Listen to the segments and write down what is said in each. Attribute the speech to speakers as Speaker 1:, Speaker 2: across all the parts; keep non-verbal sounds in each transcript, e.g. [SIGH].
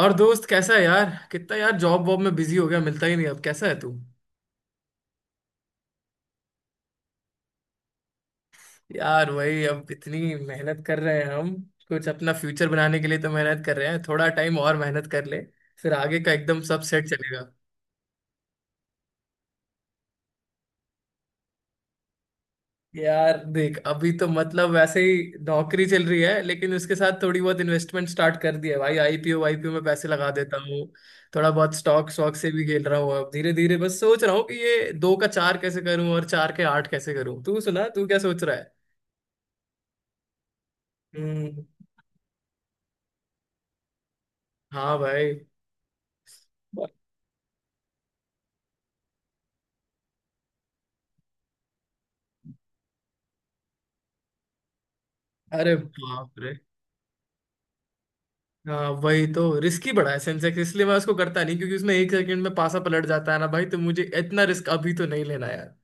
Speaker 1: और दोस्त कैसा है यार? कितना यार जॉब वॉब में बिजी हो गया, मिलता ही नहीं। अब कैसा है तू? यार वही, अब इतनी मेहनत कर रहे हैं हम, कुछ अपना फ्यूचर बनाने के लिए तो मेहनत कर रहे हैं। थोड़ा टाइम और मेहनत कर ले, फिर आगे का एकदम सब सेट चलेगा। यार देख, अभी तो मतलब वैसे ही नौकरी चल रही है, लेकिन उसके साथ थोड़ी बहुत इन्वेस्टमेंट स्टार्ट कर दी है भाई। आईपीओ आईपीओ में पैसे लगा देता हूँ, थोड़ा बहुत स्टॉक स्टॉक से भी खेल रहा हूँ। अब धीरे धीरे बस सोच रहा हूँ कि ये दो का चार कैसे करूँ और चार के आठ कैसे करूँ। तू सुना, तू क्या सोच रहा है? हम्म। हाँ भाई। अरे बाप रे! हाँ वही तो, रिस्की बड़ा है सेंसेक्स, इसलिए मैं उसको करता नहीं, क्योंकि उसमें एक सेकंड में पासा पलट जाता है ना भाई। तो मुझे इतना रिस्क अभी तो नहीं लेना यार।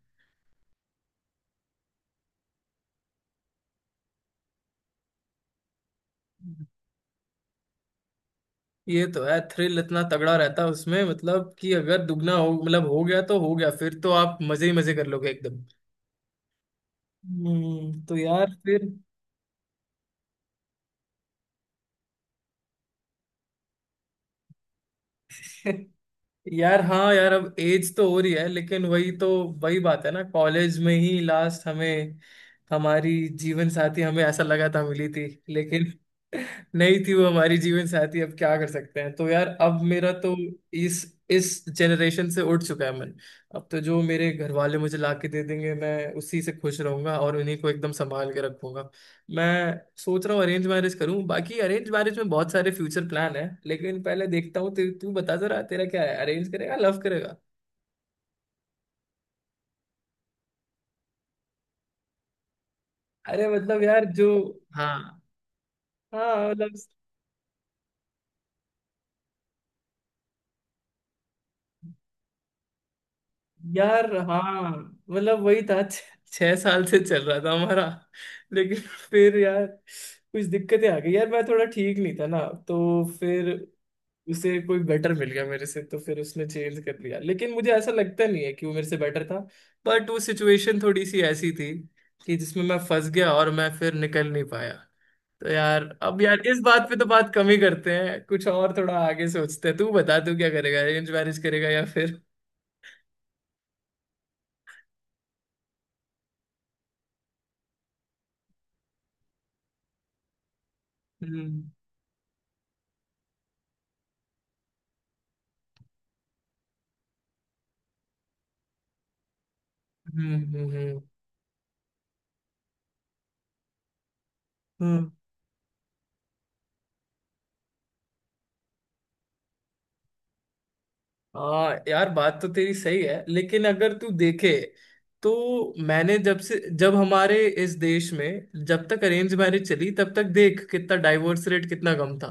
Speaker 1: ये तो है, थ्रिल इतना तगड़ा रहता है उसमें, मतलब कि अगर दुगना हो, मतलब हो गया तो हो गया, फिर तो आप मजे ही मजे कर लोगे एकदम। हम्म, तो यार फिर [LAUGHS] यार हाँ यार, अब एज तो हो रही है, लेकिन वही तो, वही बात है ना, कॉलेज में ही लास्ट हमें हमारी जीवन साथी हमें ऐसा लगा था मिली थी, लेकिन [LAUGHS] नहीं थी वो हमारी जीवन साथी। अब क्या कर सकते हैं। तो यार, अब मेरा तो इस इस जनरेशन से उठ चुका है मन। अब तो जो मेरे घर वाले मुझे ला के दे देंगे, मैं उसी से खुश रहूंगा और उन्हीं को एकदम संभाल के रखूंगा। मैं सोच रहा हूँ अरेंज मैरिज करूँ, बाकी अरेंज मैरिज में बहुत सारे फ्यूचर प्लान है, लेकिन पहले देखता हूँ। तू तू बता जरा, तेरा क्या है? अरेंज करेगा, लव करेगा? अरे मतलब यार जो, हाँ हाँ मतलब, यार हाँ मतलब वही था, 6 साल से चल रहा था हमारा, लेकिन फिर यार कुछ दिक्कतें आ गई यार, मैं थोड़ा ठीक नहीं था ना, तो फिर उसे कोई बेटर मिल गया मेरे से, तो फिर उसने चेंज कर दिया, लेकिन मुझे ऐसा लगता नहीं है कि वो मेरे से बेटर था। बट वो सिचुएशन थोड़ी सी ऐसी थी कि जिसमें मैं फंस गया और मैं फिर निकल नहीं पाया। तो यार अब यार इस बात पे तो बात कम ही करते हैं, कुछ और थोड़ा आगे सोचते हैं। तू बता, तू क्या करेगा? अरेंज मैरिज करेगा या फिर? हम्म। हम्म, हम्म। हाँ यार, बात तो तेरी सही है, लेकिन अगर तू देखे तो, मैंने जब से जब हमारे इस देश में जब तक अरेंज मैरिज चली तब तक देख कितना डाइवोर्स रेट कितना कम था।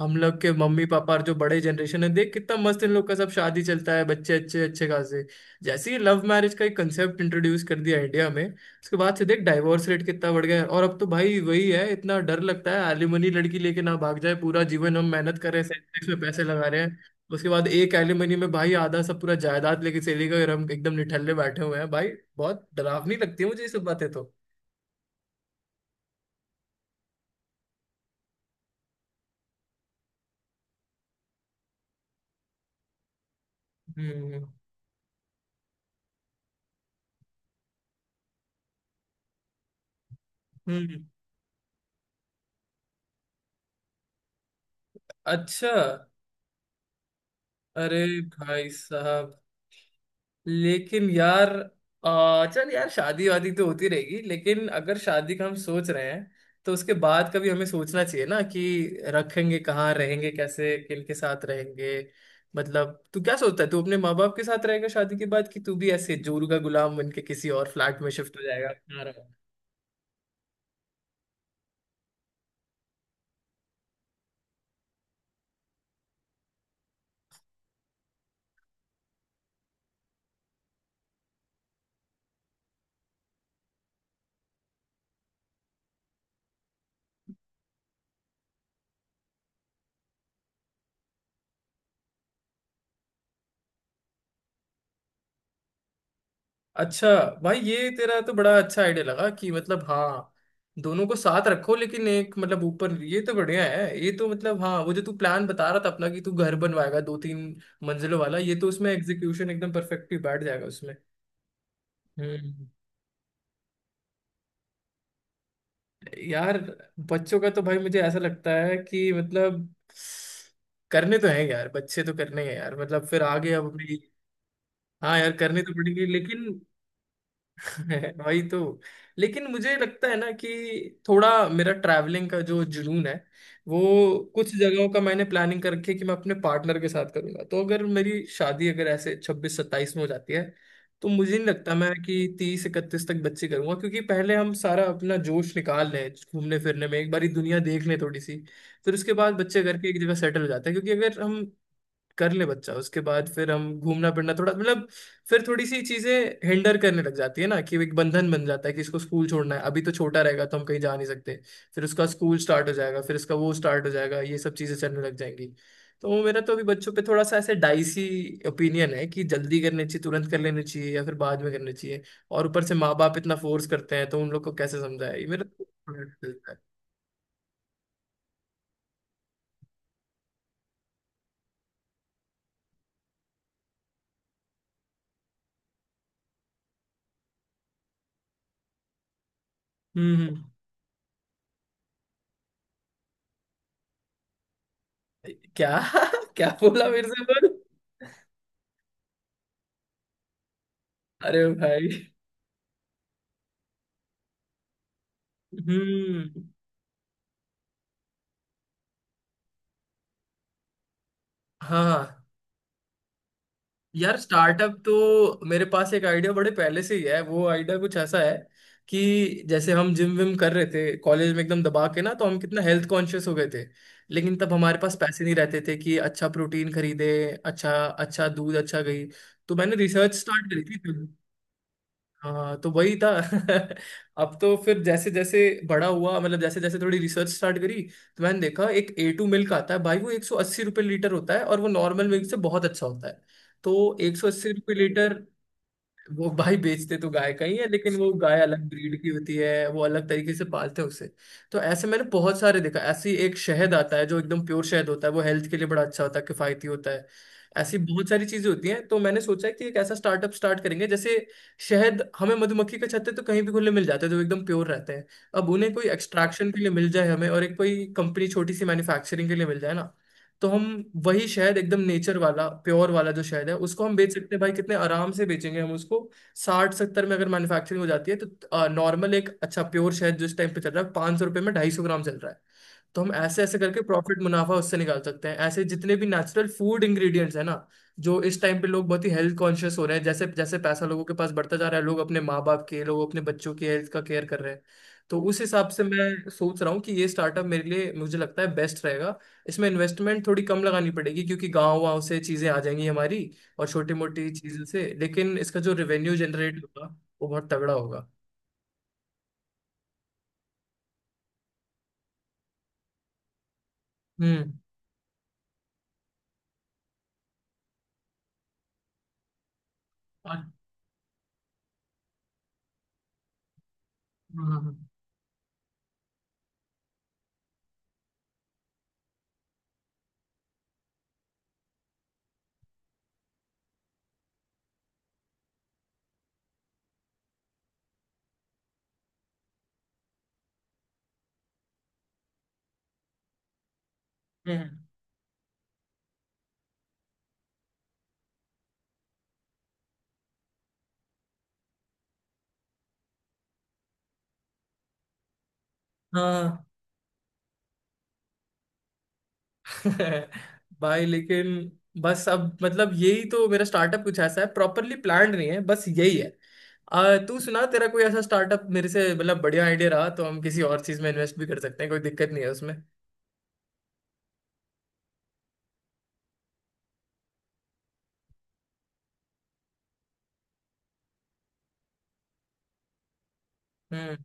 Speaker 1: हम लोग के मम्मी पापा और जो बड़े जनरेशन है देख कितना मस्त इन लोग का सब शादी चलता है, बच्चे अच्छे अच्छे खासे। जैसे ही लव मैरिज का एक कंसेप्ट इंट्रोड्यूस कर दिया इंडिया में, उसके बाद से देख डाइवोर्स रेट कितना बढ़ गया है। और अब तो भाई वही है, इतना डर लगता है एलिमनी, लड़की लेके ना भाग जाए। पूरा जीवन हम मेहनत कर रहे हैं, सेक्स में पैसे लगा रहे हैं, उसके बाद एक एलिमनी में भाई आधा सब पूरा जायदाद लेके चली गई, और हम एकदम निठल्ले बैठे हुए हैं भाई। बहुत डरावनी लगती है मुझे ये सब बातें तो। हम्म, हम्म। अच्छा। अरे भाई साहब, लेकिन यार चल यार, शादी वादी तो होती रहेगी, लेकिन अगर शादी का हम सोच रहे हैं, तो उसके बाद का भी हमें सोचना चाहिए ना कि रखेंगे कहाँ, रहेंगे कैसे, किन के साथ रहेंगे। मतलब तू क्या सोचता है, तू अपने माँ बाप के साथ रहेगा शादी के बाद, कि तू भी ऐसे जोरू का गुलाम बन के किसी और फ्लैट में शिफ्ट हो जाएगा? अच्छा भाई, ये तेरा तो बड़ा अच्छा आइडिया लगा कि मतलब हाँ, दोनों को साथ रखो लेकिन एक मतलब ऊपर, ये तो बढ़िया है। ये तो मतलब हाँ, वो जो तू प्लान बता रहा था अपना कि तू घर बनवाएगा 2 3 मंजिलों वाला, ये तो उसमें एग्जीक्यूशन एकदम परफेक्टली बैठ जाएगा उसमें। हम्म। यार बच्चों का तो भाई मुझे ऐसा लगता है कि मतलब करने तो हैं यार, बच्चे तो करने हैं यार, मतलब फिर आगे अब अपनी, हाँ यार करने तो पड़ेंगे लेकिन [LAUGHS] है, वही तो। लेकिन मुझे लगता है ना कि थोड़ा मेरा ट्रैवलिंग का जो जुनून है वो, कुछ जगहों का मैंने प्लानिंग करके कि मैं अपने पार्टनर के साथ करूंगा, तो अगर मेरी शादी अगर ऐसे 26 27 में हो जाती है, तो मुझे नहीं लगता मैं कि 30 31 तक बच्चे करूंगा, क्योंकि पहले हम सारा अपना जोश निकाल लें घूमने फिरने में, एक बारी दुनिया देख लें थोड़ी सी, फिर उसके बाद बच्चे करके एक जगह सेटल हो जाते हैं। क्योंकि अगर हम कर ले बच्चा, उसके बाद फिर हम घूमना फिरना थोड़ा मतलब, फिर थोड़ी सी चीजें हिंडर करने लग जाती है ना, कि एक बंधन बन जाता है कि इसको स्कूल छोड़ना है, अभी तो छोटा रहेगा तो हम कहीं जा नहीं सकते, फिर उसका स्कूल स्टार्ट हो जाएगा, फिर उसका वो स्टार्ट हो जाएगा, ये सब चीजें चलने लग जाएंगी। तो वो मेरा तो अभी बच्चों पे थोड़ा सा ऐसे डाइसी ओपिनियन है, कि जल्दी करने चाहिए तुरंत कर लेने चाहिए या फिर बाद में करने चाहिए। और ऊपर से माँ बाप इतना फोर्स करते हैं, तो उन लोग को कैसे समझाए, ये मेरा तो- हम्म। हम्म। क्या? [LAUGHS] क्या बोला? मेरे से बोल। अरे भाई। हम्म। हाँ यार, स्टार्टअप तो मेरे पास एक आइडिया बड़े पहले से ही है। वो आइडिया कुछ ऐसा है कि जैसे हम जिम विम कर रहे थे कॉलेज में एकदम दबा के ना, तो हम कितना हेल्थ कॉन्शियस हो गए थे, लेकिन तब हमारे पास पैसे नहीं रहते थे कि अच्छा प्रोटीन खरीदे, अच्छा अच्छा दूध, अच्छा घी। तो मैंने रिसर्च स्टार्ट करी थी। हाँ तो वही था [LAUGHS] अब तो फिर जैसे जैसे बड़ा हुआ मतलब, जैसे जैसे थोड़ी रिसर्च स्टार्ट करी, तो मैंने देखा एक ए टू मिल्क आता है भाई, वो 180 रुपये लीटर होता है, और वो नॉर्मल मिल्क से बहुत अच्छा होता है। तो 180 रुपये लीटर। वो भाई बेचते तो गाय का ही है, लेकिन वो गाय अलग ब्रीड की होती है, वो अलग तरीके से पालते हैं उसे। तो ऐसे मैंने बहुत सारे देखा, ऐसी एक शहद आता है जो एकदम प्योर शहद होता है, वो हेल्थ के लिए बड़ा अच्छा होता है, किफायती होता है। ऐसी बहुत सारी चीजें होती हैं, तो मैंने सोचा है कि एक ऐसा स्टार्टअप स्टार्ट करेंगे। जैसे शहद, हमें मधुमक्खी के छत्ते तो कहीं भी खुले मिल जाते हैं जो एकदम प्योर रहते हैं, अब उन्हें कोई एक्सट्रैक्शन के लिए मिल जाए हमें, और एक कोई कंपनी छोटी सी मैन्युफैक्चरिंग के लिए मिल जाए ना, तो हम वही शहद एकदम नेचर वाला, प्योर वाला जो शहद है उसको हम बेच सकते हैं भाई। कितने आराम से बेचेंगे हम उसको। 60 70 में अगर मैन्युफैक्चरिंग हो जाती है, तो नॉर्मल एक अच्छा प्योर शहद जो इस टाइम पे चल रहा है 500 रुपये में 250 ग्राम चल रहा है। तो हम ऐसे ऐसे करके प्रॉफिट मुनाफा उससे निकाल सकते हैं। ऐसे जितने भी नेचुरल फूड इंग्रेडिएंट्स है ना, जो इस टाइम पे लोग बहुत ही हेल्थ कॉन्शियस हो रहे हैं जैसे जैसे पैसा लोगों के पास बढ़ता जा रहा है, लोग अपने माँ बाप के, लोग अपने बच्चों की हेल्थ का केयर कर रहे हैं। तो उस हिसाब से मैं सोच रहा हूँ कि ये स्टार्टअप मेरे लिए, मुझे लगता है बेस्ट रहेगा। इसमें इन्वेस्टमेंट थोड़ी कम लगानी पड़ेगी, क्योंकि गाँव वाँव से चीज़ें आ जाएंगी हमारी, और छोटी मोटी चीज़ों से, लेकिन इसका जो रेवेन्यू जनरेट होगा वो बहुत तगड़ा होगा। हम्म और-। हाँ हाँ हाँ। हम्म। हाँ, [LAUGHS] भाई लेकिन, बस अब मतलब यही तो मेरा स्टार्टअप कुछ ऐसा है, प्रॉपरली प्लान्ड नहीं है, बस यही है। तू सुना, तेरा कोई ऐसा स्टार्टअप मेरे से मतलब बढ़िया आइडिया रहा तो हम किसी और चीज में इन्वेस्ट भी कर सकते हैं, कोई दिक्कत नहीं है उसमें। हम्म,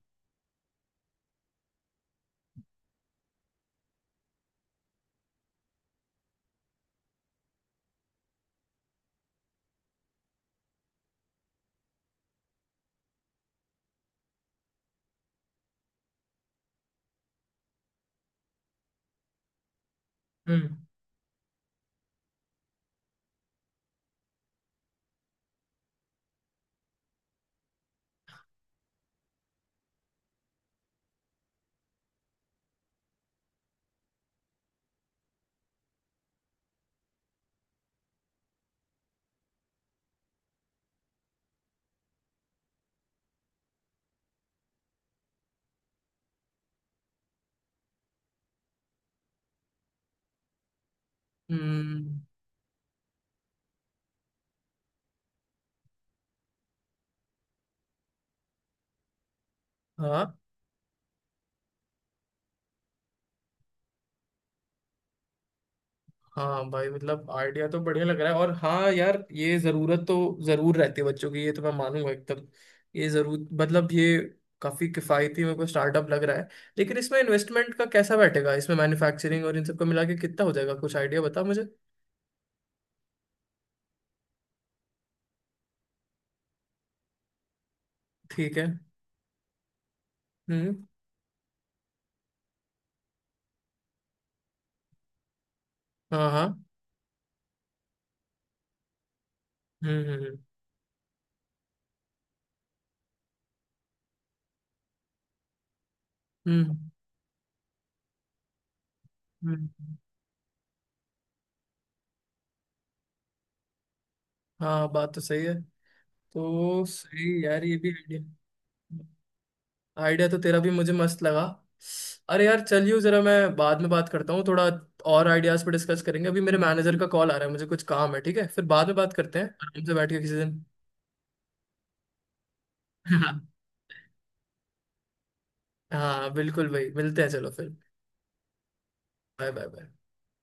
Speaker 1: हम्म, हम्म, हाँ। हाँ भाई मतलब आइडिया तो बढ़िया लग रहा है। और हाँ यार, ये जरूरत तो जरूर रहती है बच्चों की, ये तो मैं मानूंगा एकदम। ये जरूर मतलब, ये काफी किफायती मेरे को स्टार्टअप लग रहा है। लेकिन इसमें इन्वेस्टमेंट का कैसा बैठेगा, इसमें मैन्युफैक्चरिंग और इन सबको मिला के कितना हो जाएगा, कुछ आइडिया बता मुझे। ठीक है। हम्म। हाँ हाँ। हम्म, हम्म, हम्म, हम्म, हम्म। हाँ बात तो सही है। तो सही यार, ये भी आइडिया, आइडिया तो तेरा भी मुझे मस्त लगा। अरे यार चलियो जरा, मैं बाद में बात करता हूँ। थोड़ा और आइडियाज पे डिस्कस करेंगे। अभी मेरे मैनेजर का कॉल आ रहा है, मुझे कुछ काम है, ठीक है? फिर बाद में बात करते हैं आराम से बैठ के किसी दिन। [LAUGHS] हाँ बिल्कुल भाई, मिलते हैं, चलो फिर। Bye bye bye.